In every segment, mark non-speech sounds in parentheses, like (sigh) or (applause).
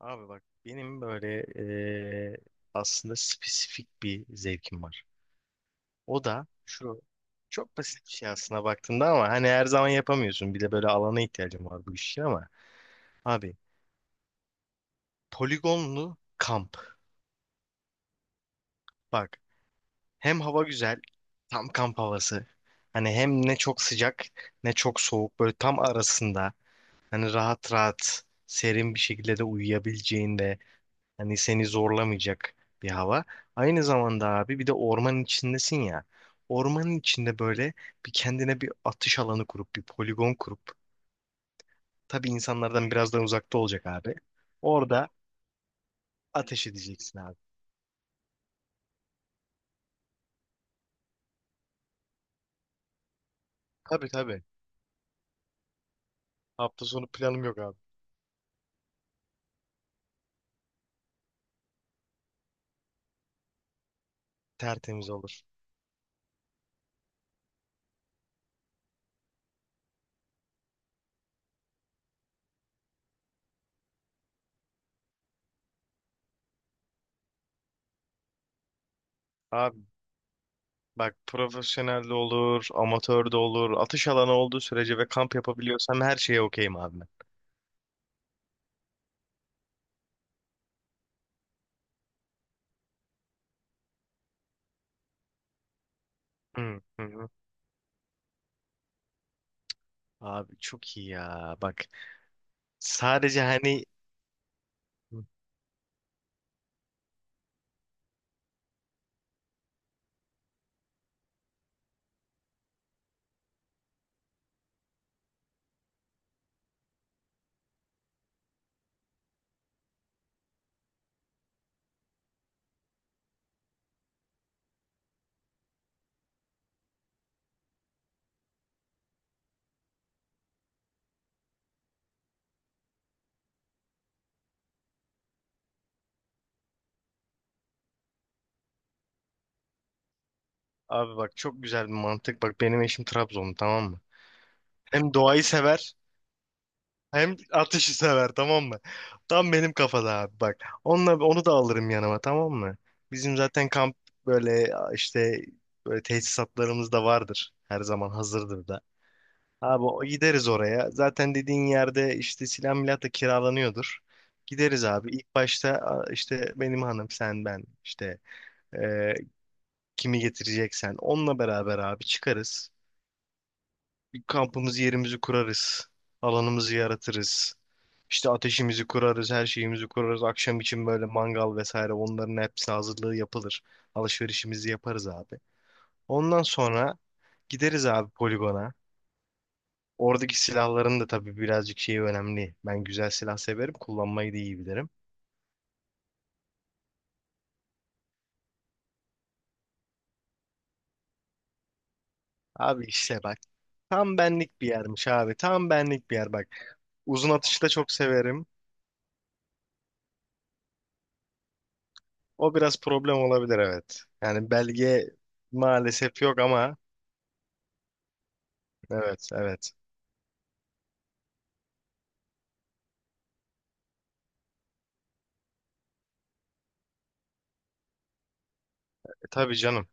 Abi bak benim böyle aslında spesifik bir zevkim var. O da şu, çok basit bir şey aslında baktığında ama hani her zaman yapamıyorsun. Bir de böyle alana ihtiyacım var bu iş için ama abi, poligonlu kamp. Bak, hem hava güzel, tam kamp havası. Hani hem ne çok sıcak ne çok soğuk, böyle tam arasında. Hani rahat rahat serin bir şekilde de uyuyabileceğin de, hani seni zorlamayacak bir hava. Aynı zamanda abi bir de ormanın içindesin ya. Ormanın içinde böyle bir kendine bir atış alanı kurup bir poligon kurup, tabii insanlardan biraz daha uzakta olacak abi. Orada ateş edeceksin abi. Tabii tabii. Hafta sonu planım yok abi. Tertemiz olur. Abi bak, profesyonel de olur, amatör de olur. Atış alanı olduğu sürece ve kamp yapabiliyorsam her şeye okeyim abi ben. Hı hı. Hı. Abi çok iyi ya. Bak, sadece hani, abi bak çok güzel bir mantık. Bak benim eşim Trabzonlu, tamam mı? Hem doğayı sever hem ateşi sever, tamam mı? Tam benim kafada abi bak. Onunla, onu da alırım yanıma, tamam mı? Bizim zaten kamp böyle işte böyle tesisatlarımız da vardır. Her zaman hazırdır da. Abi, gideriz oraya. Zaten dediğin yerde işte silah milah da kiralanıyordur. Gideriz abi. İlk başta işte benim hanım sen ben işte e, kimi getireceksen onunla beraber abi çıkarız. Bir kampımızı, yerimizi kurarız. Alanımızı yaratırız. İşte ateşimizi kurarız, her şeyimizi kurarız. Akşam için böyle mangal vesaire, onların hepsi hazırlığı yapılır. Alışverişimizi yaparız abi. Ondan sonra gideriz abi poligona. Oradaki silahların da tabii birazcık şeyi önemli. Ben güzel silah severim, kullanmayı da iyi bilirim. Abi işte bak. Tam benlik bir yermiş abi. Tam benlik bir yer bak. Uzun atışı da çok severim. O biraz problem olabilir, evet. Yani belge maalesef yok ama evet, evet. E, tabii canım.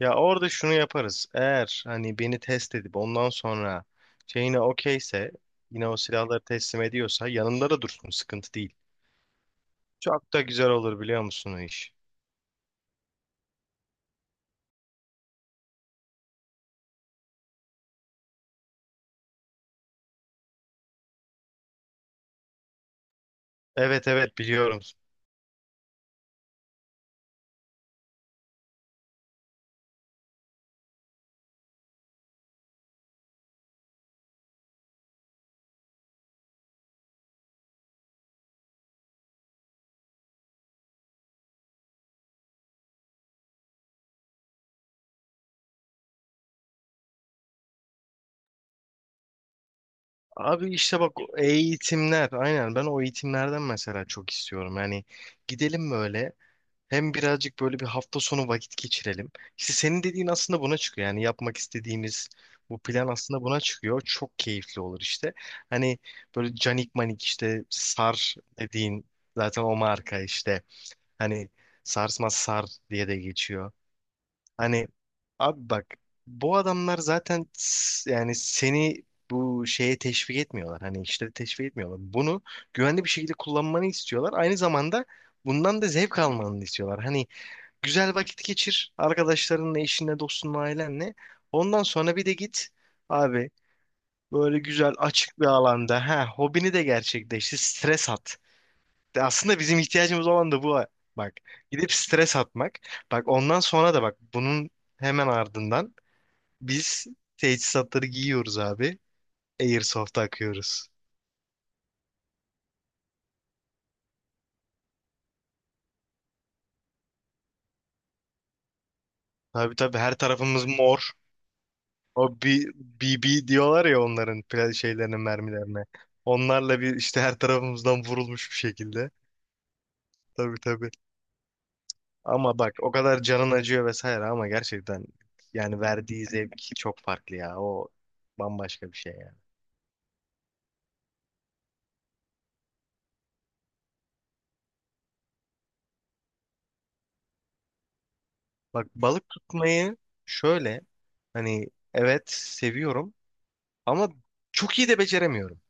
Ya orada şunu yaparız. Eğer hani beni test edip ondan sonra şeyine okeyse, yine o silahları teslim ediyorsa yanında da dursun, sıkıntı değil. Çok da güzel olur, biliyor musun o iş? Evet, evet biliyorum. Abi işte bak, o eğitimler, aynen ben o eğitimlerden mesela çok istiyorum. Yani gidelim böyle, hem birazcık böyle bir hafta sonu vakit geçirelim. İşte senin dediğin aslında buna çıkıyor. Yani yapmak istediğimiz bu plan aslında buna çıkıyor. Çok keyifli olur işte. Hani böyle canik manik, işte sar dediğin zaten o marka işte. Hani sarsmaz, sar diye de geçiyor. Hani abi bak, bu adamlar zaten yani seni bu şeye teşvik etmiyorlar. Hani işleri teşvik etmiyorlar. Bunu güvenli bir şekilde kullanmanı istiyorlar. Aynı zamanda bundan da zevk almanı istiyorlar. Hani güzel vakit geçir arkadaşlarınla, eşinle, dostunla, ailenle. Ondan sonra bir de git abi böyle güzel açık bir alanda, ha, hobini de gerçekleştir, stres at. De aslında bizim ihtiyacımız olan da bu. Ha. Bak, gidip stres atmak. Bak ondan sonra da bak, bunun hemen ardından biz teçhizatları giyiyoruz abi. Airsoft'a akıyoruz. Tabii tabii, her tarafımız mor. O B- BB diyorlar ya, onların şeylerine, mermilerine. Onlarla bir işte her tarafımızdan vurulmuş bir şekilde. Tabii tabii. Ama bak o kadar canın acıyor vesaire ama gerçekten, yani verdiği zevk çok farklı ya. O bambaşka bir şey yani. Bak balık tutmayı şöyle, hani evet seviyorum ama çok iyi de beceremiyorum.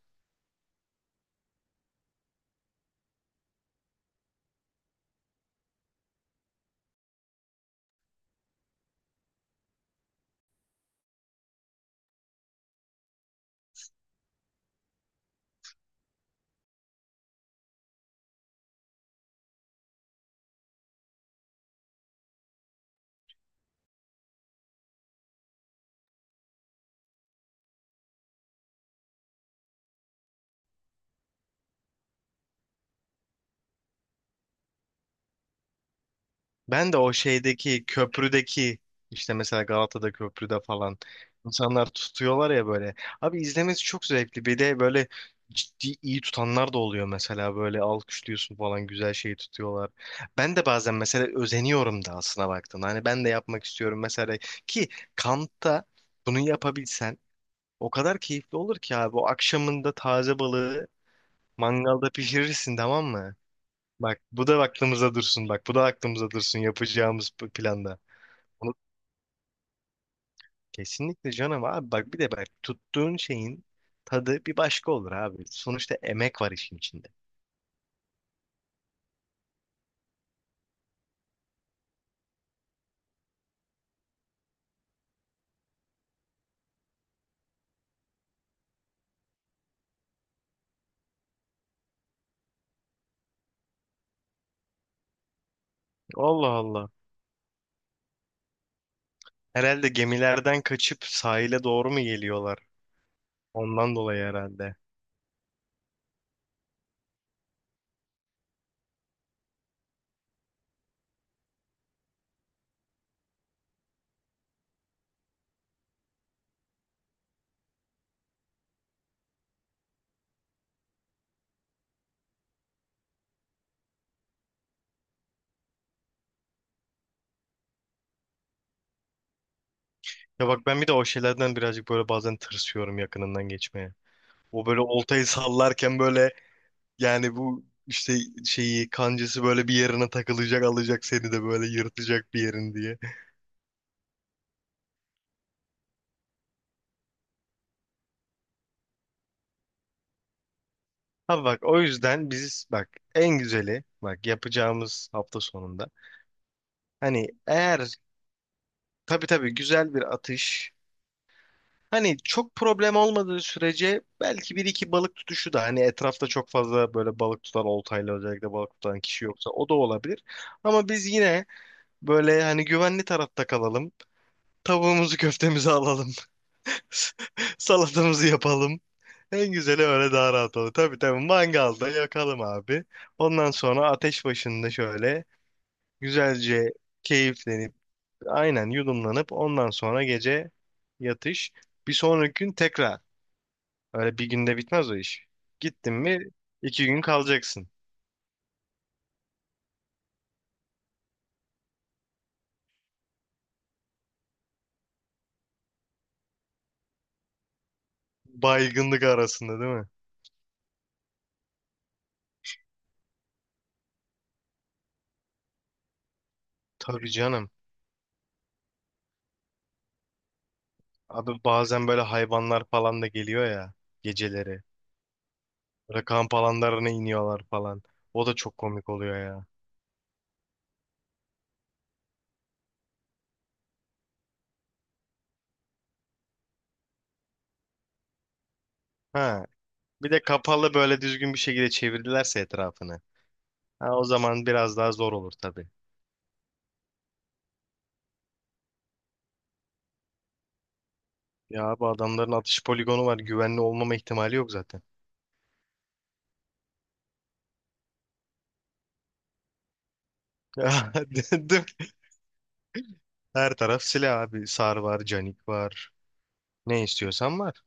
Ben de o şeydeki köprüdeki, işte mesela Galata'da köprüde falan insanlar tutuyorlar ya böyle. Abi izlemesi çok zevkli. Bir de böyle ciddi iyi tutanlar da oluyor mesela, böyle alkışlıyorsun falan, güzel şeyi tutuyorlar. Ben de bazen mesela özeniyorum da aslına baktım. Hani ben de yapmak istiyorum mesela ki, kampta bunu yapabilsen o kadar keyifli olur ki abi. O akşamında taze balığı mangalda pişirirsin, tamam mı? Bak bu da aklımıza dursun, bak bu da aklımıza dursun yapacağımız bu planda. Onu kesinlikle canım abi bak, bir de bak tuttuğun şeyin tadı bir başka olur abi. Sonuçta emek var işin içinde. Allah Allah. Herhalde gemilerden kaçıp sahile doğru mu geliyorlar? Ondan dolayı herhalde. Ya bak ben bir de o şeylerden birazcık böyle bazen tırsıyorum yakınından geçmeye. O böyle oltayı sallarken böyle, yani bu işte şeyi, kancası böyle bir yerine takılacak, alacak seni de böyle, yırtacak bir yerin diye. Abi bak o yüzden biz bak, en güzeli bak yapacağımız hafta sonunda, hani eğer, tabii tabii, güzel bir atış, hani çok problem olmadığı sürece belki bir iki balık tutuşu da, hani etrafta çok fazla böyle balık tutan, oltayla özellikle balık tutan kişi yoksa o da olabilir. Ama biz yine böyle hani güvenli tarafta kalalım, tavuğumuzu (laughs) köftemizi alalım. (laughs) Salatamızı yapalım. En güzeli öyle daha rahat olur. Tabii tabii, mangalda yakalım abi. Ondan sonra ateş başında şöyle güzelce keyiflenip, aynen yudumlanıp, ondan sonra gece yatış. Bir sonraki gün tekrar. Öyle bir günde bitmez o iş. Gittin mi iki gün kalacaksın. Baygınlık arasında değil mi? Tabii canım. Abi bazen böyle hayvanlar falan da geliyor ya geceleri. Böyle kamp alanlarına iniyorlar falan. O da çok komik oluyor ya. Ha, bir de kapalı böyle düzgün bir şekilde çevirdilerse etrafını. Ha, o zaman biraz daha zor olur tabii. Ya bu adamların atış poligonu var. Güvenli olmama ihtimali yok zaten. (laughs) Ya, dedim. Her taraf silah abi. Sar var, canik var. Ne istiyorsan var.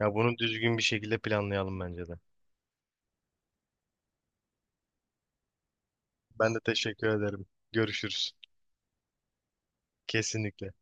Ya bunu düzgün bir şekilde planlayalım bence de. Ben de teşekkür ederim. Görüşürüz. Kesinlikle.